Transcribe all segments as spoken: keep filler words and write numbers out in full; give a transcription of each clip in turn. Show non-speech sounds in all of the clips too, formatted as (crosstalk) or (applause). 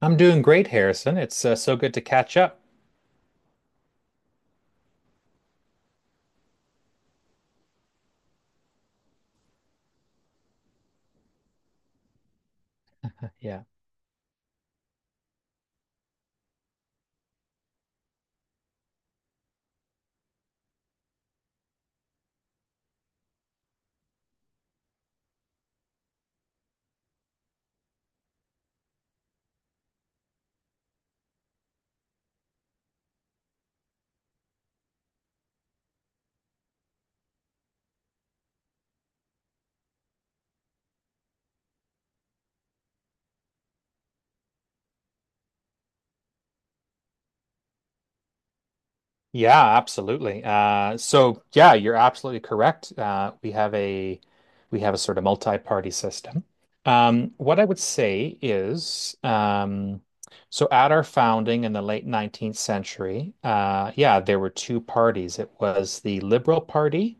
I'm doing great, Harrison. It's uh, so good to catch up. Yeah. Yeah, absolutely. Uh, so yeah, you're absolutely correct. Uh, we have a we have a sort of multi-party system. Um, what I would say is, um, so at our founding in the late nineteenth century, uh, yeah, there were two parties. It was the Liberal Party,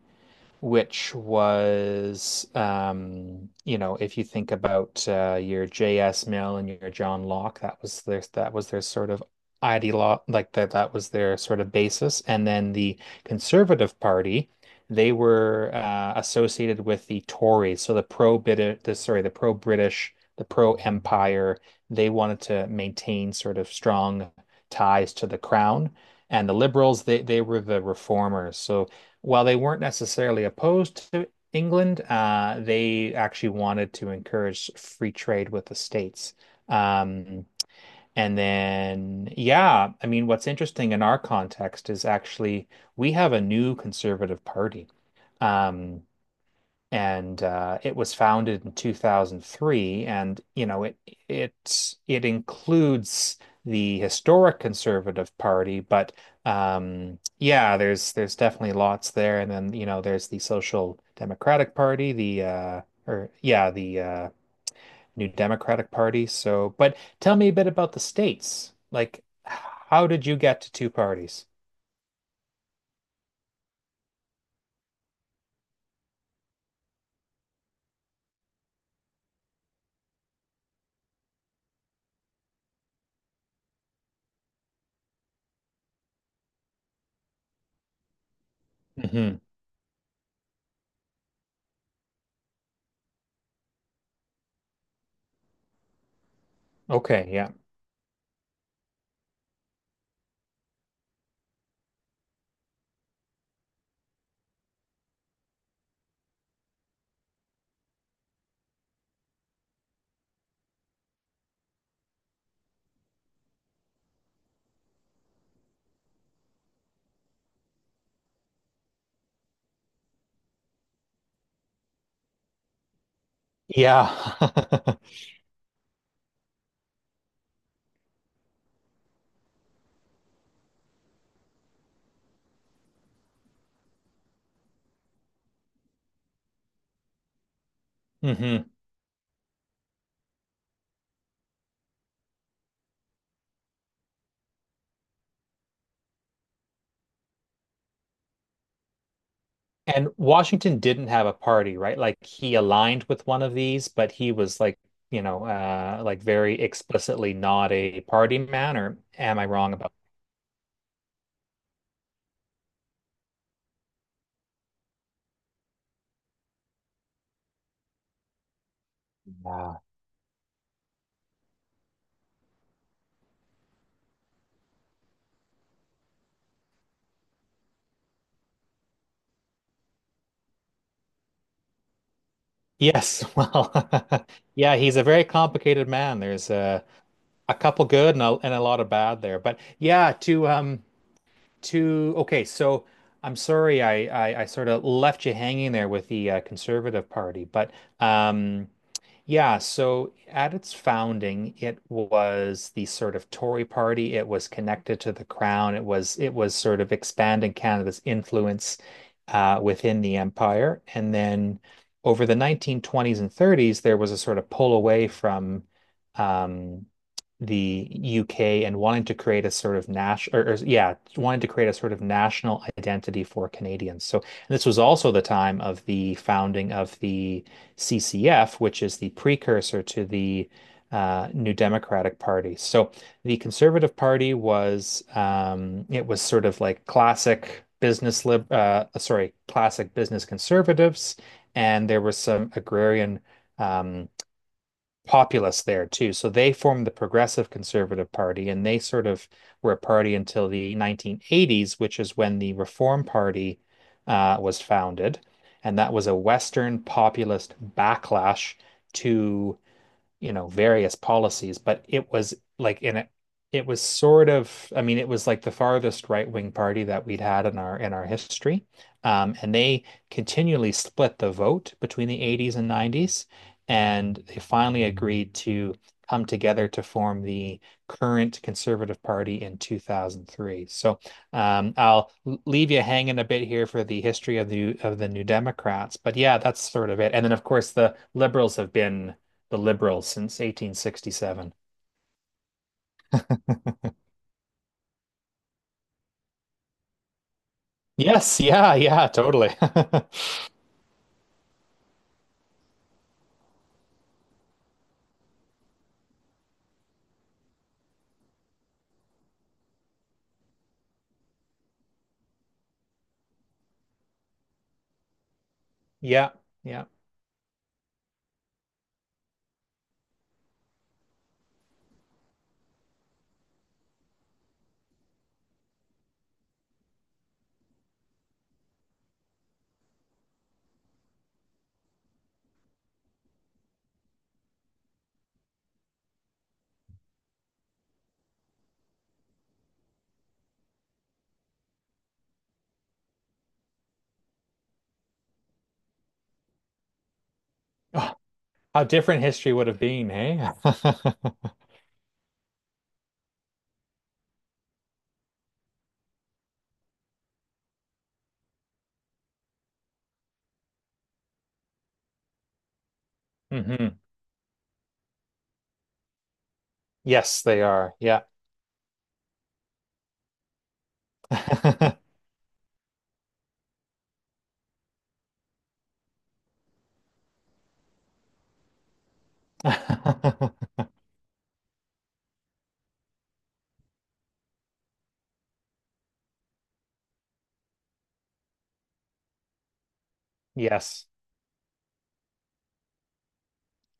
which was, um, you know, if you think about uh, your J S. Mill and your John Locke, that was their that was their sort of ideolo like that that was their sort of basis. And then the Conservative Party, they were uh, associated with the Tories, so the pro-British, the sorry, the pro-British, the pro-Empire. They wanted to maintain sort of strong ties to the crown. And the liberals, they, they were the reformers. So while they weren't necessarily opposed to England, uh, they actually wanted to encourage free trade with the States. Um, and then, yeah, I mean, what's interesting in our context is actually we have a new conservative party. Um, and uh, it was founded in two thousand three, and you know it it it includes the historic Conservative Party. But um yeah, there's there's definitely lots there. And then, you know there's the Social Democratic Party, the uh or yeah, the uh New Democratic Party. So but tell me a bit about the states, like how did you get to two parties? Hmm. Okay, yeah. Yeah. (laughs) Hmm. And Washington didn't have a party, right? Like, he aligned with one of these, but he was like, you know, uh, like very explicitly not a party man, or am I wrong about... Yeah. Yes, (laughs) well, (laughs) yeah, he's a very complicated man. There's uh, a couple good and a, and a lot of bad there. But yeah, to um to okay, so I'm sorry, I I, I sort of left you hanging there with the uh, Conservative Party, but um yeah, so at its founding, it was the sort of Tory party. It was connected to the crown. It was it was sort of expanding Canada's influence uh, within the empire. And then over the nineteen twenties and thirties, there was a sort of pull away from um, the U K and wanting to create a sort of national, or, or yeah, wanting to create a sort of national identity for Canadians. So and this was also the time of the founding of the C C F, which is the precursor to the uh, New Democratic Party. So the Conservative Party was, um, it was sort of like classic business lib uh, sorry, classic business conservatives, and there was some agrarian, um, populace there too. So they formed the Progressive Conservative Party, and they sort of were a party until the nineteen eighties, which is when the Reform Party uh, was founded. And that was a Western populist backlash to, you know, various policies, but it was like in a, it was sort of, I mean, it was like the farthest right-wing party that we'd had in our in our history. Um, and they continually split the vote between the eighties and nineties, and they finally agreed to come together to form the current Conservative Party in two thousand three. So um, I'll leave you hanging a bit here for the history of the of the New Democrats, but yeah, that's sort of it. And then, of course, the Liberals have been the Liberals since eighteen sixty-seven. Yes, yeah, yeah, totally. (laughs) Yeah, yeah. Oh, how different history would have been, hey? (laughs) Hmm. Yes, they are. Yeah. (laughs) Yes.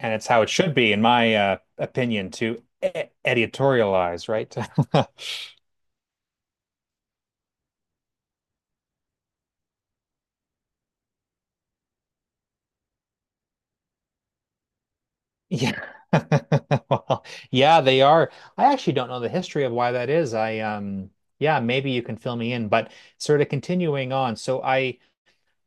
And it's how it should be, in my uh, opinion, to e editorialize, right? (laughs) Yeah. (laughs) Well, yeah, they are. I actually don't know the history of why that is. I um yeah, maybe you can fill me in, but sort of continuing on. So I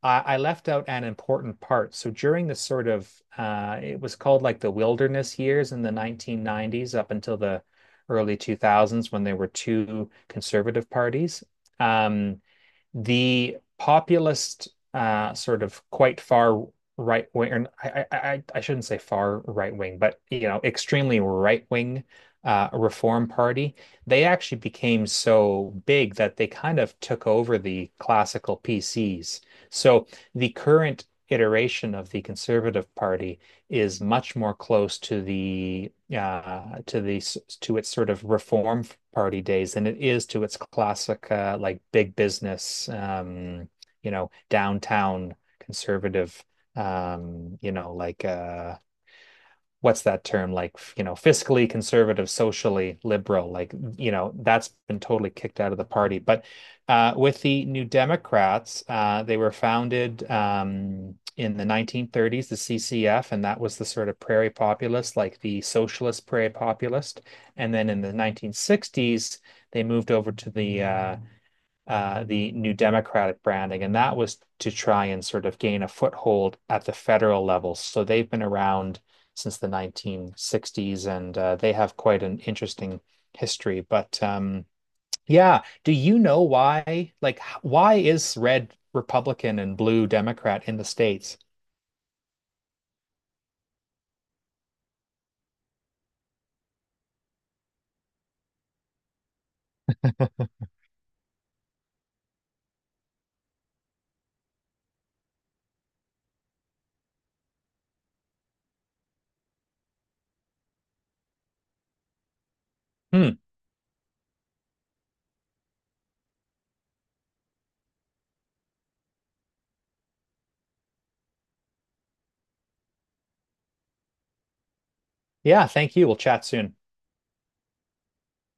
I, I left out an important part. So during the sort of uh, it was called like the wilderness years in the nineteen nineties up until the early two thousands when there were two conservative parties. Um, the populist, uh, sort of quite far right wing, or I, I, I shouldn't say far right wing, but you know, extremely right wing, uh, Reform Party, they actually became so big that they kind of took over the classical P Cs. So the current iteration of the Conservative Party is much more close to the uh, to the to its sort of reform party days than it is to its classic, uh, like big business, um, you know downtown conservative, um, you know like, uh, what's that term, like, you know fiscally conservative, socially liberal, like, you know that's been totally kicked out of the party. But uh, with the New Democrats, uh, they were founded, um, in the nineteen thirties, the C C F, and that was the sort of prairie populist, like the socialist prairie populist. And then in the nineteen sixties they moved over to the uh, uh, the New Democratic branding, and that was to try and sort of gain a foothold at the federal level. So they've been around since the nineteen sixties, and uh, they have quite an interesting history. But um, yeah, do you know why? Like, why is red Republican and blue Democrat in the States? Hmm. Yeah, thank you. We'll chat soon.